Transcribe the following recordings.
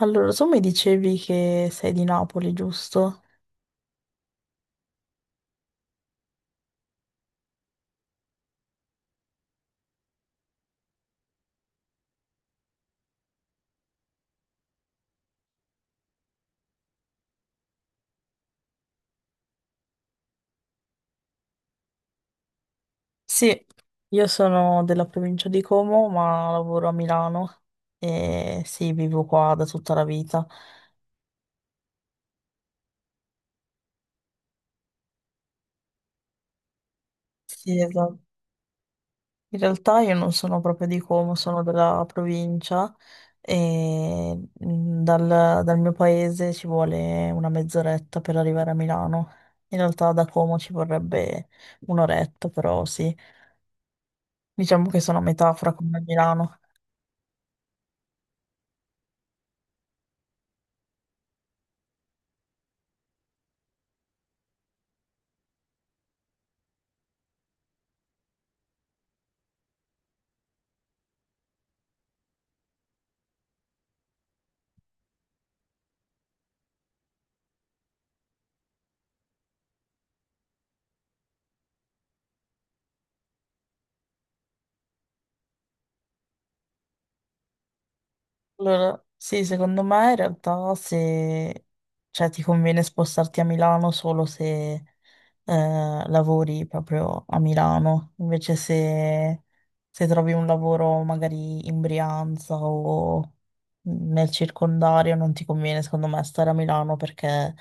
Allora, tu mi dicevi che sei di Napoli, giusto? Sì, io sono della provincia di Como, ma lavoro a Milano e sì, vivo qua da tutta la vita. Sì, esatto. In realtà io non sono proprio di Como, sono della provincia e dal mio paese ci vuole una mezz'oretta per arrivare a Milano. In realtà da Como ci vorrebbe un'oretta, però sì, diciamo che sono a metà fra Como e Milano. Allora, sì, secondo me in realtà se, cioè, ti conviene spostarti a Milano solo se eh, lavori proprio a Milano, invece se trovi un lavoro magari in Brianza o nel circondario non ti conviene secondo me stare a Milano perché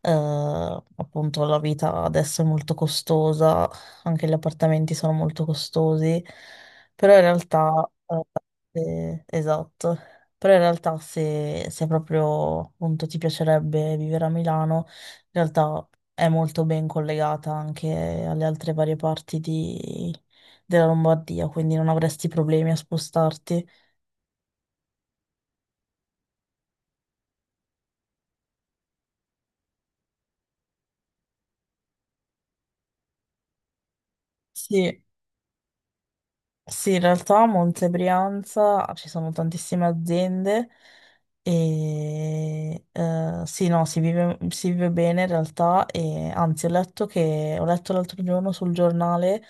appunto la vita adesso è molto costosa, anche gli appartamenti sono molto costosi, però in realtà. Eh, esatto, però in realtà se proprio appunto ti piacerebbe vivere a Milano, in realtà è molto ben collegata anche alle altre varie parti della Lombardia, quindi non avresti problemi a spostarti. Sì. Sì, in realtà a Monte Brianza ci sono tantissime aziende e sì, no, si vive bene in realtà e anzi ho letto l'altro giorno sul giornale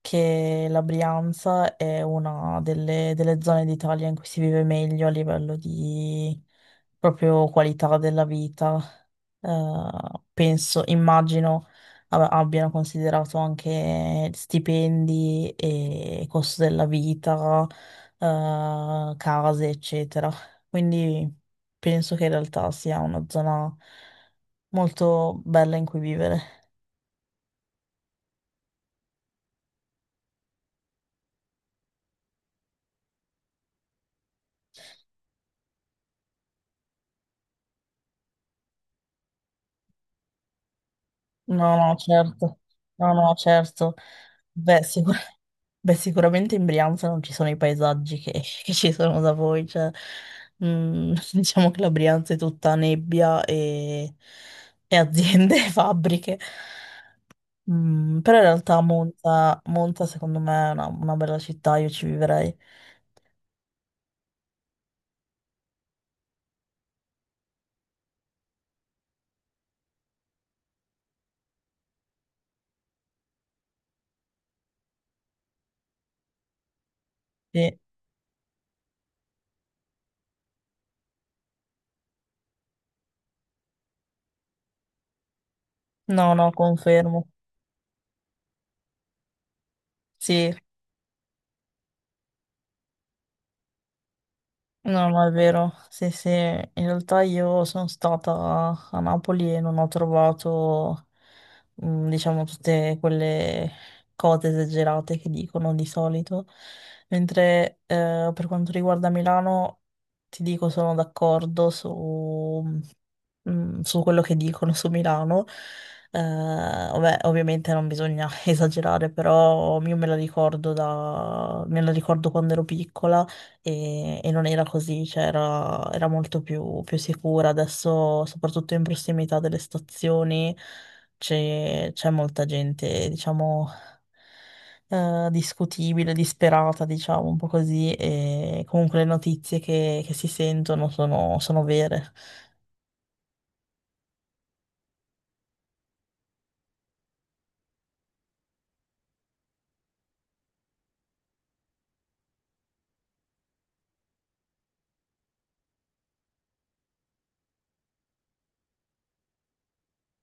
che la Brianza è una delle zone d'Italia in cui si vive meglio a livello di proprio qualità della vita. Eh, penso, immagino abbiano considerato anche stipendi e costo della vita, case, eccetera. Quindi penso che in realtà sia una zona molto bella in cui vivere. No, no, certo. No, no, certo. Beh, beh, sicuramente in Brianza non ci sono i paesaggi che, che ci sono da voi, cioè, diciamo che la Brianza è tutta nebbia e aziende e fabbriche. Però in realtà Monza secondo me è una bella città, io ci vivrei. Sì. No, no, confermo. Sì, no, ma è vero. Sì, sì, in realtà io sono stata a Napoli e non ho trovato diciamo, tutte quelle cose esagerate che dicono di solito. Mentre per quanto riguarda Milano, ti dico, sono d'accordo su quello che dicono su Milano. Vabbè, ovviamente non bisogna esagerare, però io me la ricordo da, me la ricordo quando ero piccola e non era così, cioè era molto più sicura. Adesso, soprattutto in prossimità delle stazioni, c'è molta gente, diciamo, discutibile, disperata, diciamo, un po' così, e comunque le notizie che si sentono sono vere.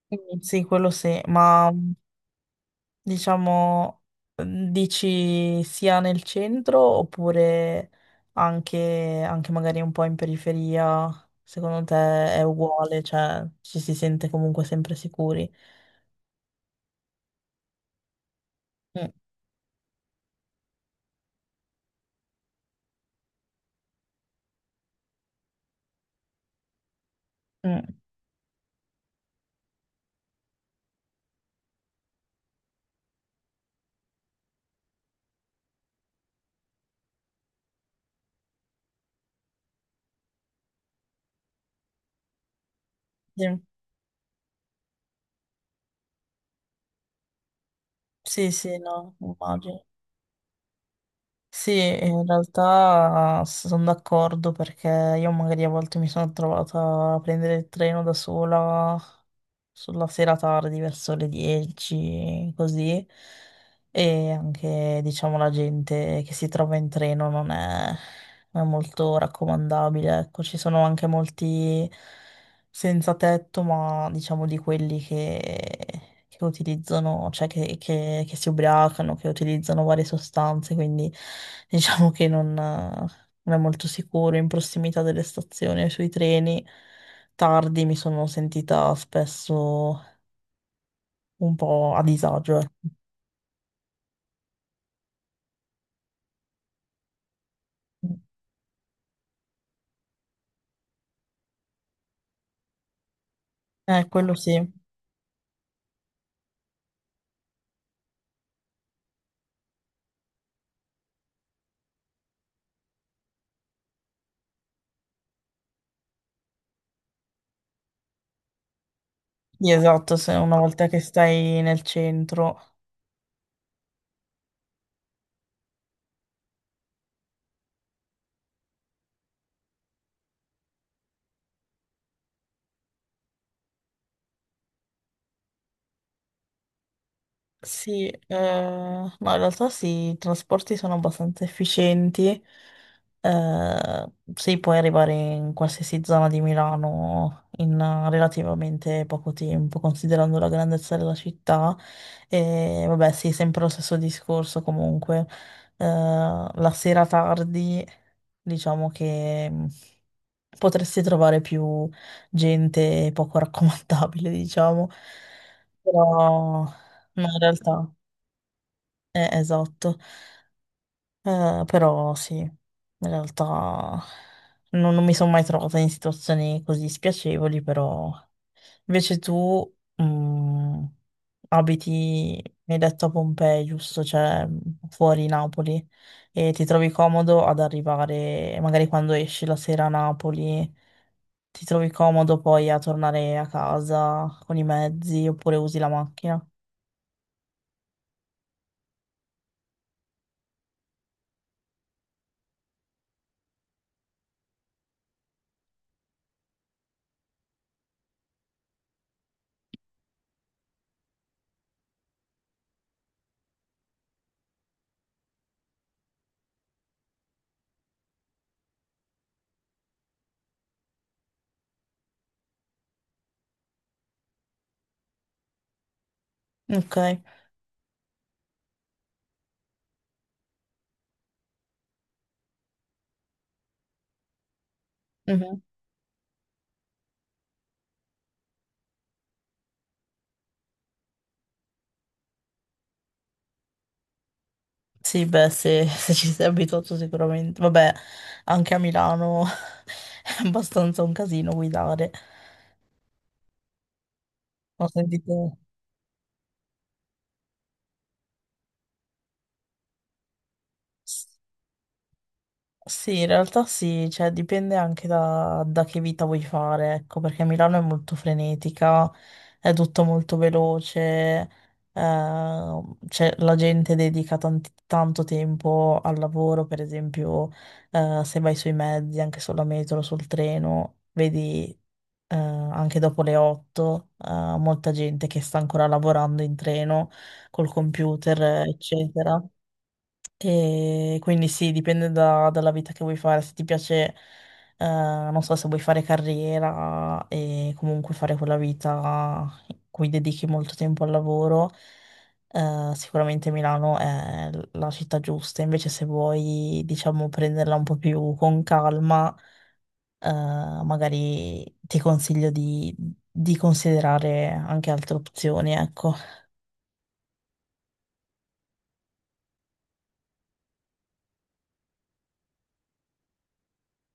Quindi sì, quello sì, ma diciamo, mhmm, dici sia nel centro oppure anche magari un po' in periferia? Secondo te è uguale, cioè ci si sente comunque sempre sicuri? Mm, mm, sì, sì, sì, no, immagino. Sì, in realtà sono d'accordo perché io magari a volte mi sono trovata a prendere il treno da sola sulla sera tardi, verso le 10, così. E anche, diciamo, la gente che si trova in treno non è molto raccomandabile. Ecco, ci sono anche molti senza tetto, ma diciamo di quelli che utilizzano, cioè che si ubriacano, che utilizzano varie sostanze, quindi diciamo che non è molto sicuro in prossimità delle stazioni e sui treni tardi mi sono sentita spesso un po' a disagio. Ecco. Quello sì. Sì, esatto, se una volta che stai nel centro. Sì, ma in realtà sì, i trasporti sono abbastanza efficienti, sì, puoi arrivare in qualsiasi zona di Milano in relativamente poco tempo, considerando la grandezza della città, e vabbè sì, sempre lo stesso discorso comunque, la sera tardi diciamo che potresti trovare più gente poco raccomandabile, diciamo. Però ma in realtà, esatto, eh, però sì, in realtà non mi sono mai trovata in situazioni così spiacevoli, però invece tu mm, abiti, mi hai detto a Pompei, giusto? Cioè fuori Napoli e ti trovi comodo ad arrivare, magari quando esci la sera a Napoli, ti trovi comodo poi a tornare a casa con i mezzi oppure usi la macchina. Ok. Mhm. Sì, beh, se, se ci sei abituato sicuramente. Vabbè, anche a Milano è abbastanza un casino guidare. Ho sentito. Sì, in realtà sì, cioè dipende anche da che vita vuoi fare, ecco, perché Milano è molto frenetica, è tutto molto veloce, cioè, la gente dedica tanto tempo al lavoro, per esempio, se vai sui mezzi, anche sulla metro, sul treno, vedi, anche dopo le 8, molta gente che sta ancora lavorando in treno col computer, eccetera. E quindi sì, dipende dalla vita che vuoi fare. Se ti piace, non so, se vuoi fare carriera e comunque fare quella vita in cui dedichi molto tempo al lavoro, sicuramente Milano è la città giusta. Invece, se vuoi, diciamo, prenderla un po' più con calma, eh, magari ti consiglio di considerare anche altre opzioni, ecco.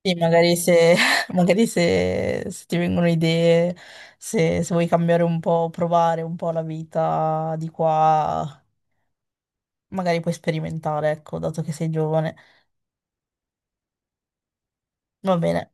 Sì, magari se, magari se ti vengono idee, se vuoi cambiare un po', provare un po' la vita di qua, magari puoi sperimentare, ecco, dato che sei giovane. Va bene.